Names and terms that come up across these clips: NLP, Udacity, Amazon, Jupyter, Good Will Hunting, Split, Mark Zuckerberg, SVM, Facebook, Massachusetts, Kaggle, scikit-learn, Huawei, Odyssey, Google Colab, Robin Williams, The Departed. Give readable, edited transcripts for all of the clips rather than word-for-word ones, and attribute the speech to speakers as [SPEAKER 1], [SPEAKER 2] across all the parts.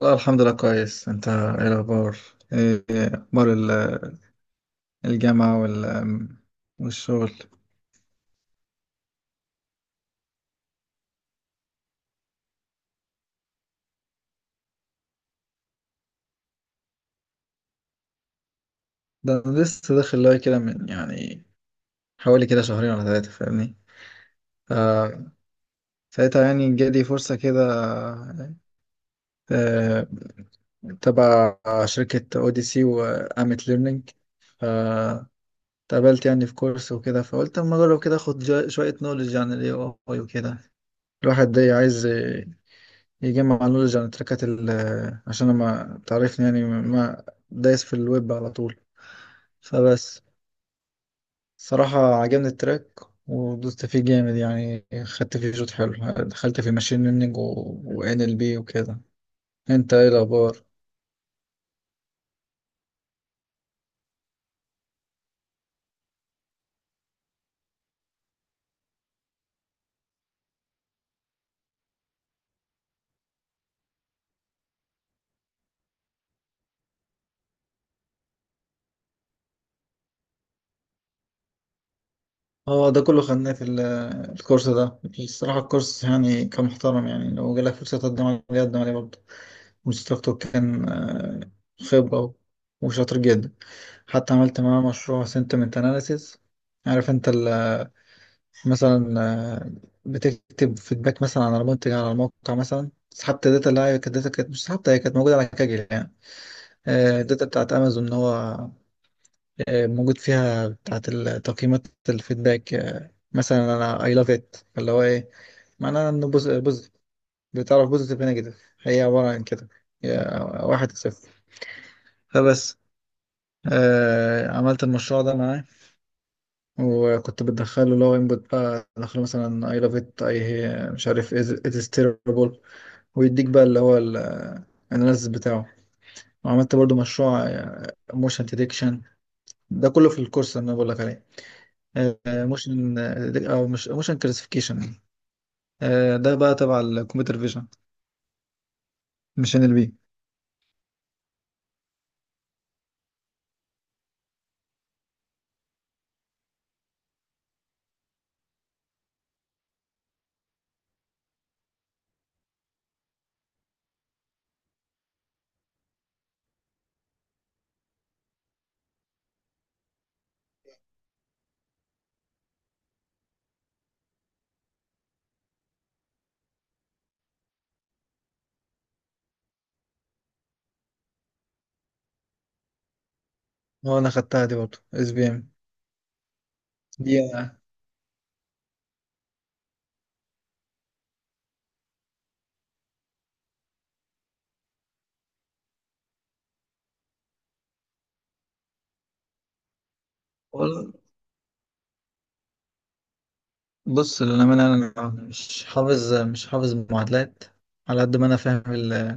[SPEAKER 1] والله الحمد لله كويس. انت ايه الاخبار؟ ايه اخبار الجامعة والشغل؟ ده أنا لسه داخل لاي كده من يعني حوالي كده شهرين ولا ثلاثة، فاهمني؟ ف- ساعتها يعني جالي فرصة كده، آه، تبع شركة اوديسي وامت ليرنينج، فاتقابلت يعني في كورس وكده. فقلت اما اجرب كده اخد شوية نولج عن الاي اي وكده. الواحد ده عايز يجمع نولج عن التراكات عشان ما تعرفني يعني ما دايس في الويب على طول. فبس، صراحة عجبني التراك ودوست فيه جامد، يعني خدت فيه شوط حلو. دخلت في ماشين ليرنينج و ان ال بي وكده. انت ايه الاخبار؟ اه، ده كله خدناه في الكورس ده. الصراحة الكورس يعني كان محترم، يعني لو جالك فرصة تقدم عليه قدم عليه برضه. المستر كان خبرة وشاطر جدا. حتى عملت معاه مشروع sentiment analysis. عارف انت مثلا بتكتب فيدباك مثلا على منتج على الموقع. مثلا سحبت الداتا اللي هي كانت داتا، كانت مش سحبتها، هي كانت موجودة على كاجل يعني. الداتا بتاعت امازون اللي هو موجود فيها بتاعت تقييمات الفيدباك. مثلا انا اي لاف ات، اللي هو ايه؟ معناها انه بوزيتيف. بتعرف بوزيتيف نيجاتيف هي عبارة عن كده، هي واحد صفر. فبس، عملت المشروع ده معاه. وكنت بدخله لو انبوت، بقى ادخله مثلا اي لاف ات اي مش عارف ات از تيربل، ويديك بقى اللي هو الاناليسيس بتاعه. وعملت برضو مشروع موشن ديتكشن، ده كله في الكورس اللي انا بقول لك عليه. موشن، او مش موشن، كلاسيفيكيشن، ده بقى تبع الكمبيوتر فيجن، مش ان ال بي. هو انا خدتها دي برضو اس بي ام دي وال- بص للأمانة، أنا مش حافظ معادلات. على قد ما أنا فاهم، ال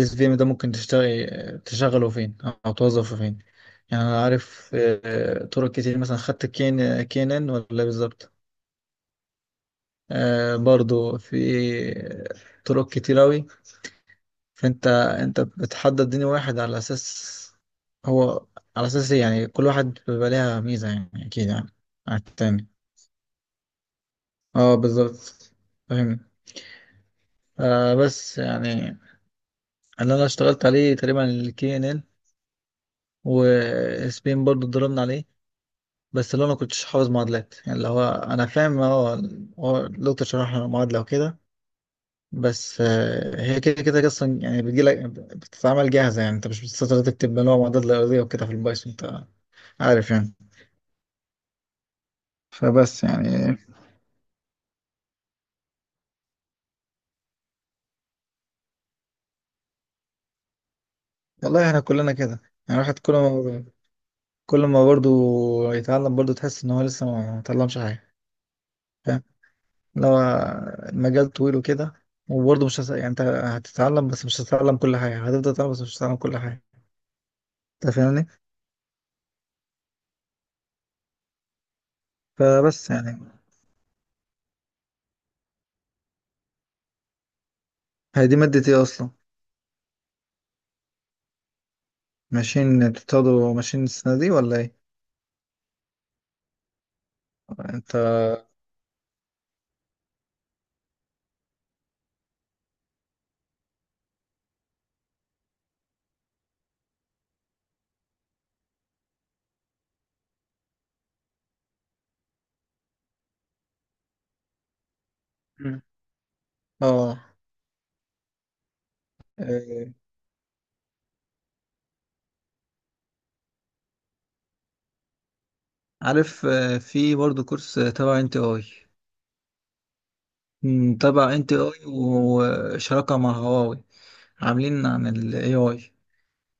[SPEAKER 1] اس في ام ده ممكن تشتغل، تشغله فين او توظفه فين؟ يعني انا عارف طرق كتير، مثلا خدت كين كينن ولا إيه بالظبط. برضو في طرق كتير اوي. فانت انت بتحدد دين واحد على اساس هو، على اساس إيه؟ يعني كل واحد بيبقى ليها ميزة يعني، اكيد يعني على التاني. اه بالظبط. فاهم. آه بس يعني اللي انا اشتغلت عليه تقريبا الكي ان ال وسبين برضو ضربنا عليه. بس اللي انا كنتش حافظ معادلات. يعني اللي هو انا فاهم، هو الدكتور شرح لنا المعادله وكده. بس هي كده كده اصلا، يعني بتجي لك بتتعمل جاهزه. يعني انت مش بتستطيع تكتب اللي هو معادلات الارضيه وكده في البايثون، انت عارف يعني. فبس يعني والله احنا كلنا كده. يعني الواحد كل ما برضه يتعلم برضه تحس ان هو لسه ما اتعلمش حاجه، فاهم؟ اللي هو المجال طويل وكده، وبرضه مش يعني انت هتتعلم بس مش هتتعلم كل حاجه، هتفضل تتعلم بس مش هتتعلم كل حاجه، انت فاهمني؟ فبس يعني. هي دي مادة ايه اصلا؟ ماشين؟ بتاخدوا ماشين السنة دي ولا ايه؟ انت. مم. اه آه، عارف في برضه كورس تبع انت اي، مم، تبع انت اي وشراكة مع هواوي، عاملين عن الاي اي.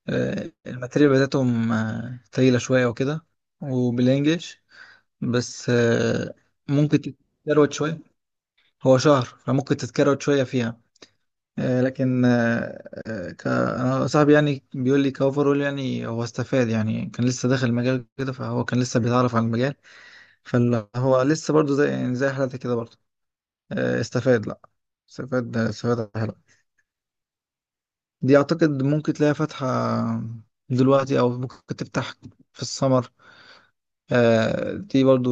[SPEAKER 1] الماتيريال بتاعتهم تقيلة شوية وكده، وبالانجلش. بس ممكن تتكروت شوية. هو شهر فممكن تتكروت شوية فيها. لكن أنا صاحبي يعني بيقول لي كأوفرول يعني هو استفاد. يعني كان لسه داخل المجال كده، فهو كان لسه بيتعرف على المجال، فهو لسه برضو زي يعني زي حالتك كده برضو. استفاد لا، استفاد حلو. دي أعتقد ممكن تلاقي فاتحة دلوقتي أو ممكن تفتح في السمر. دي برضو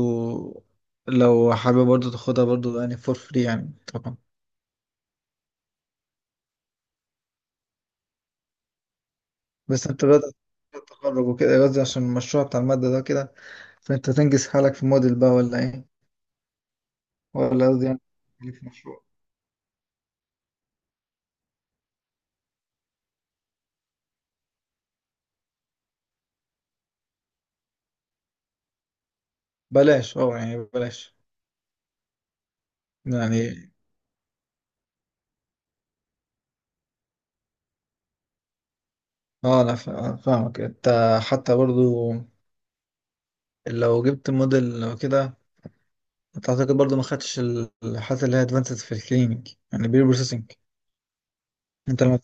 [SPEAKER 1] لو حابب برضو تاخدها برضو، يعني فور فري يعني طبعا. بس انت بدأت التخرج وكده، قصدي عشان المشروع بتاع المادة ده كده، فانت تنجز حالك في موديل بقى ولا ايه؟ ولا قصدي يعني ليك في مشروع؟ بلاش، اه يعني بلاش يعني. اه انا فاهمك انت. حتى برضو لو جبت موديل لو كده، انت اعتقد برضو ما خدتش الحاجات اللي هي ادفانسد في الكلينيك، يعني بير بروسيسنج. انت لما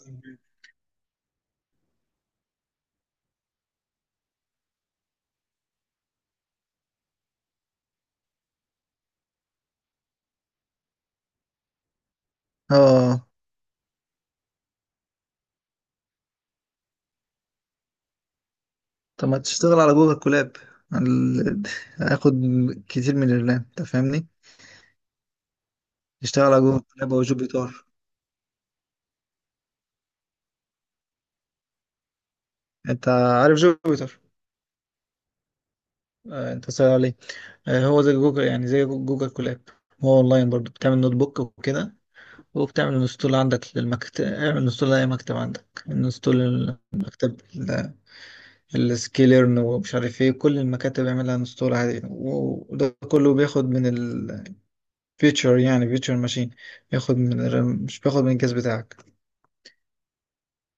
[SPEAKER 1] اه طب ما تشتغل على جوجل كولاب. ال- هياخد كتير من الرام انت فاهمني. تشتغل على جوجل كولاب او جوبيتار. انت عارف جوبيتر؟ انت سأل عليه. هو زي جوجل يعني زي جوجل كولاب. هو اونلاين برضو، بتعمل نوت بوك وكده. وبتعمل انستول عندك للمكتب، اعمل انستول لاي مكتب عندك انستول. المكتب السكيلرن ومش عارف ايه، كل المكاتب يعملها انستول عادي. وده كله بياخد من الفيتشر، يعني فيتشر ماشين، بياخد من مش بياخد من الجهاز بتاعك.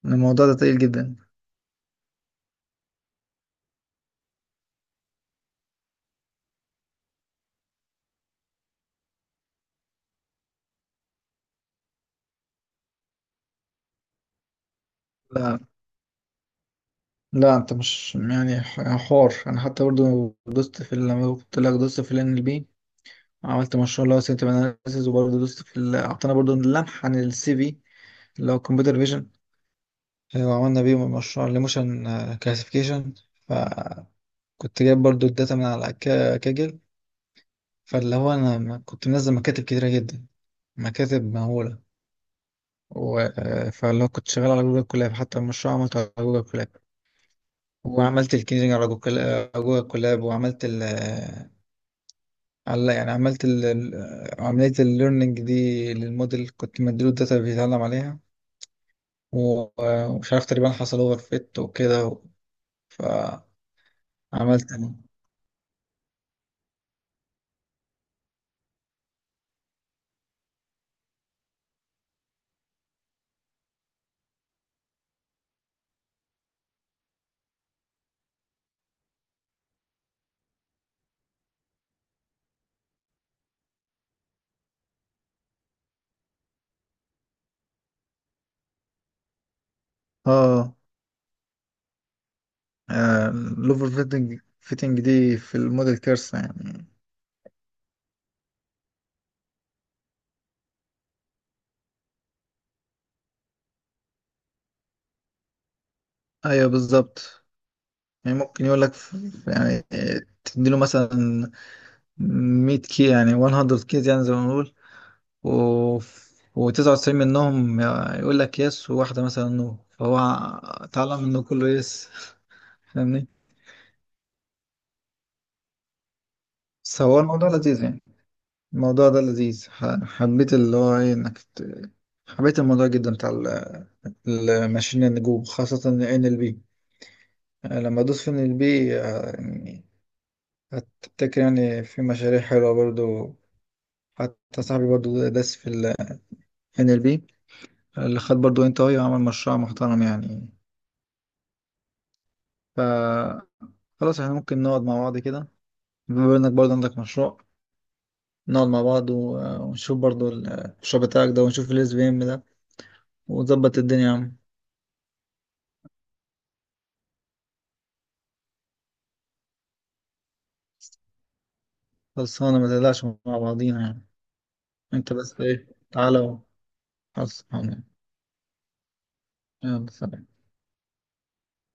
[SPEAKER 1] الموضوع ده تقيل جدا. لا انت مش يعني حوار. انا حتى برضو دوست في لما قلت لك دوست في ال NLP، عملت مشروع اللي هو سيمتوم اناليسيس. وبرضه دوست في اعطانا برضه لمح عن السي في، اللي هو كمبيوتر فيجن. وعملنا بيه مشروع الايموشن كلاسيفيكيشن. فكنت جايب برضه الداتا من على كاجل. فاللي هو انا كنت منزل مكاتب كتيرة جدا، مكاتب مهولة فاللي هو كنت شغال على جوجل كولاب، حتى المشروع عملته على جوجل كولاب. وعملت الكينجنج على جوجل، على جوجل كولاب. وعملت على يعني عملت عملية الليرنينج دي للموديل، كنت مديله الداتا اللي بيتعلم عليها و- ومش عارف تقريبا حصل اوفر فيت وكده و... فعملت اه. الاوفر فيتنج دي في الموديل كارثة يعني. ايوه بالظبط. يعني ممكن يقول لك يعني تديله مثلا 100 كي، يعني 100 كيز يعني زي ما بنقول، و و99 منهم يقول لك يس، وواحدة مثلا نو، فهو اتعلم انه كله يس، فاهمني؟ بس هو الموضوع لذيذ يعني. الموضوع ده لذيذ، حبيت اللي هو ايه انك حبيت الموضوع جدا بتاع الماشين النجوم، خاصة ان ال بي. لما ادوس في ان ال بي يعني، هتفتكر يعني في مشاريع حلوة برضو. حتى صاحبي برضو داس في ال ان ال بي، اللي خد برضو انت اي وعمل مشروع محترم يعني. ف خلاص احنا ممكن نقعد مع بعض كده، بما انك برضو عندك مشروع، نقعد مع بعض ونشوف برضو المشروع بتاعك ده، ونشوف الاس بي ام وظبط الدنيا يا عم. خلصانة، ما تقلقش، مع بعضينا يعني. انت بس ايه، تعالى، وخلصانة. يلا سلام.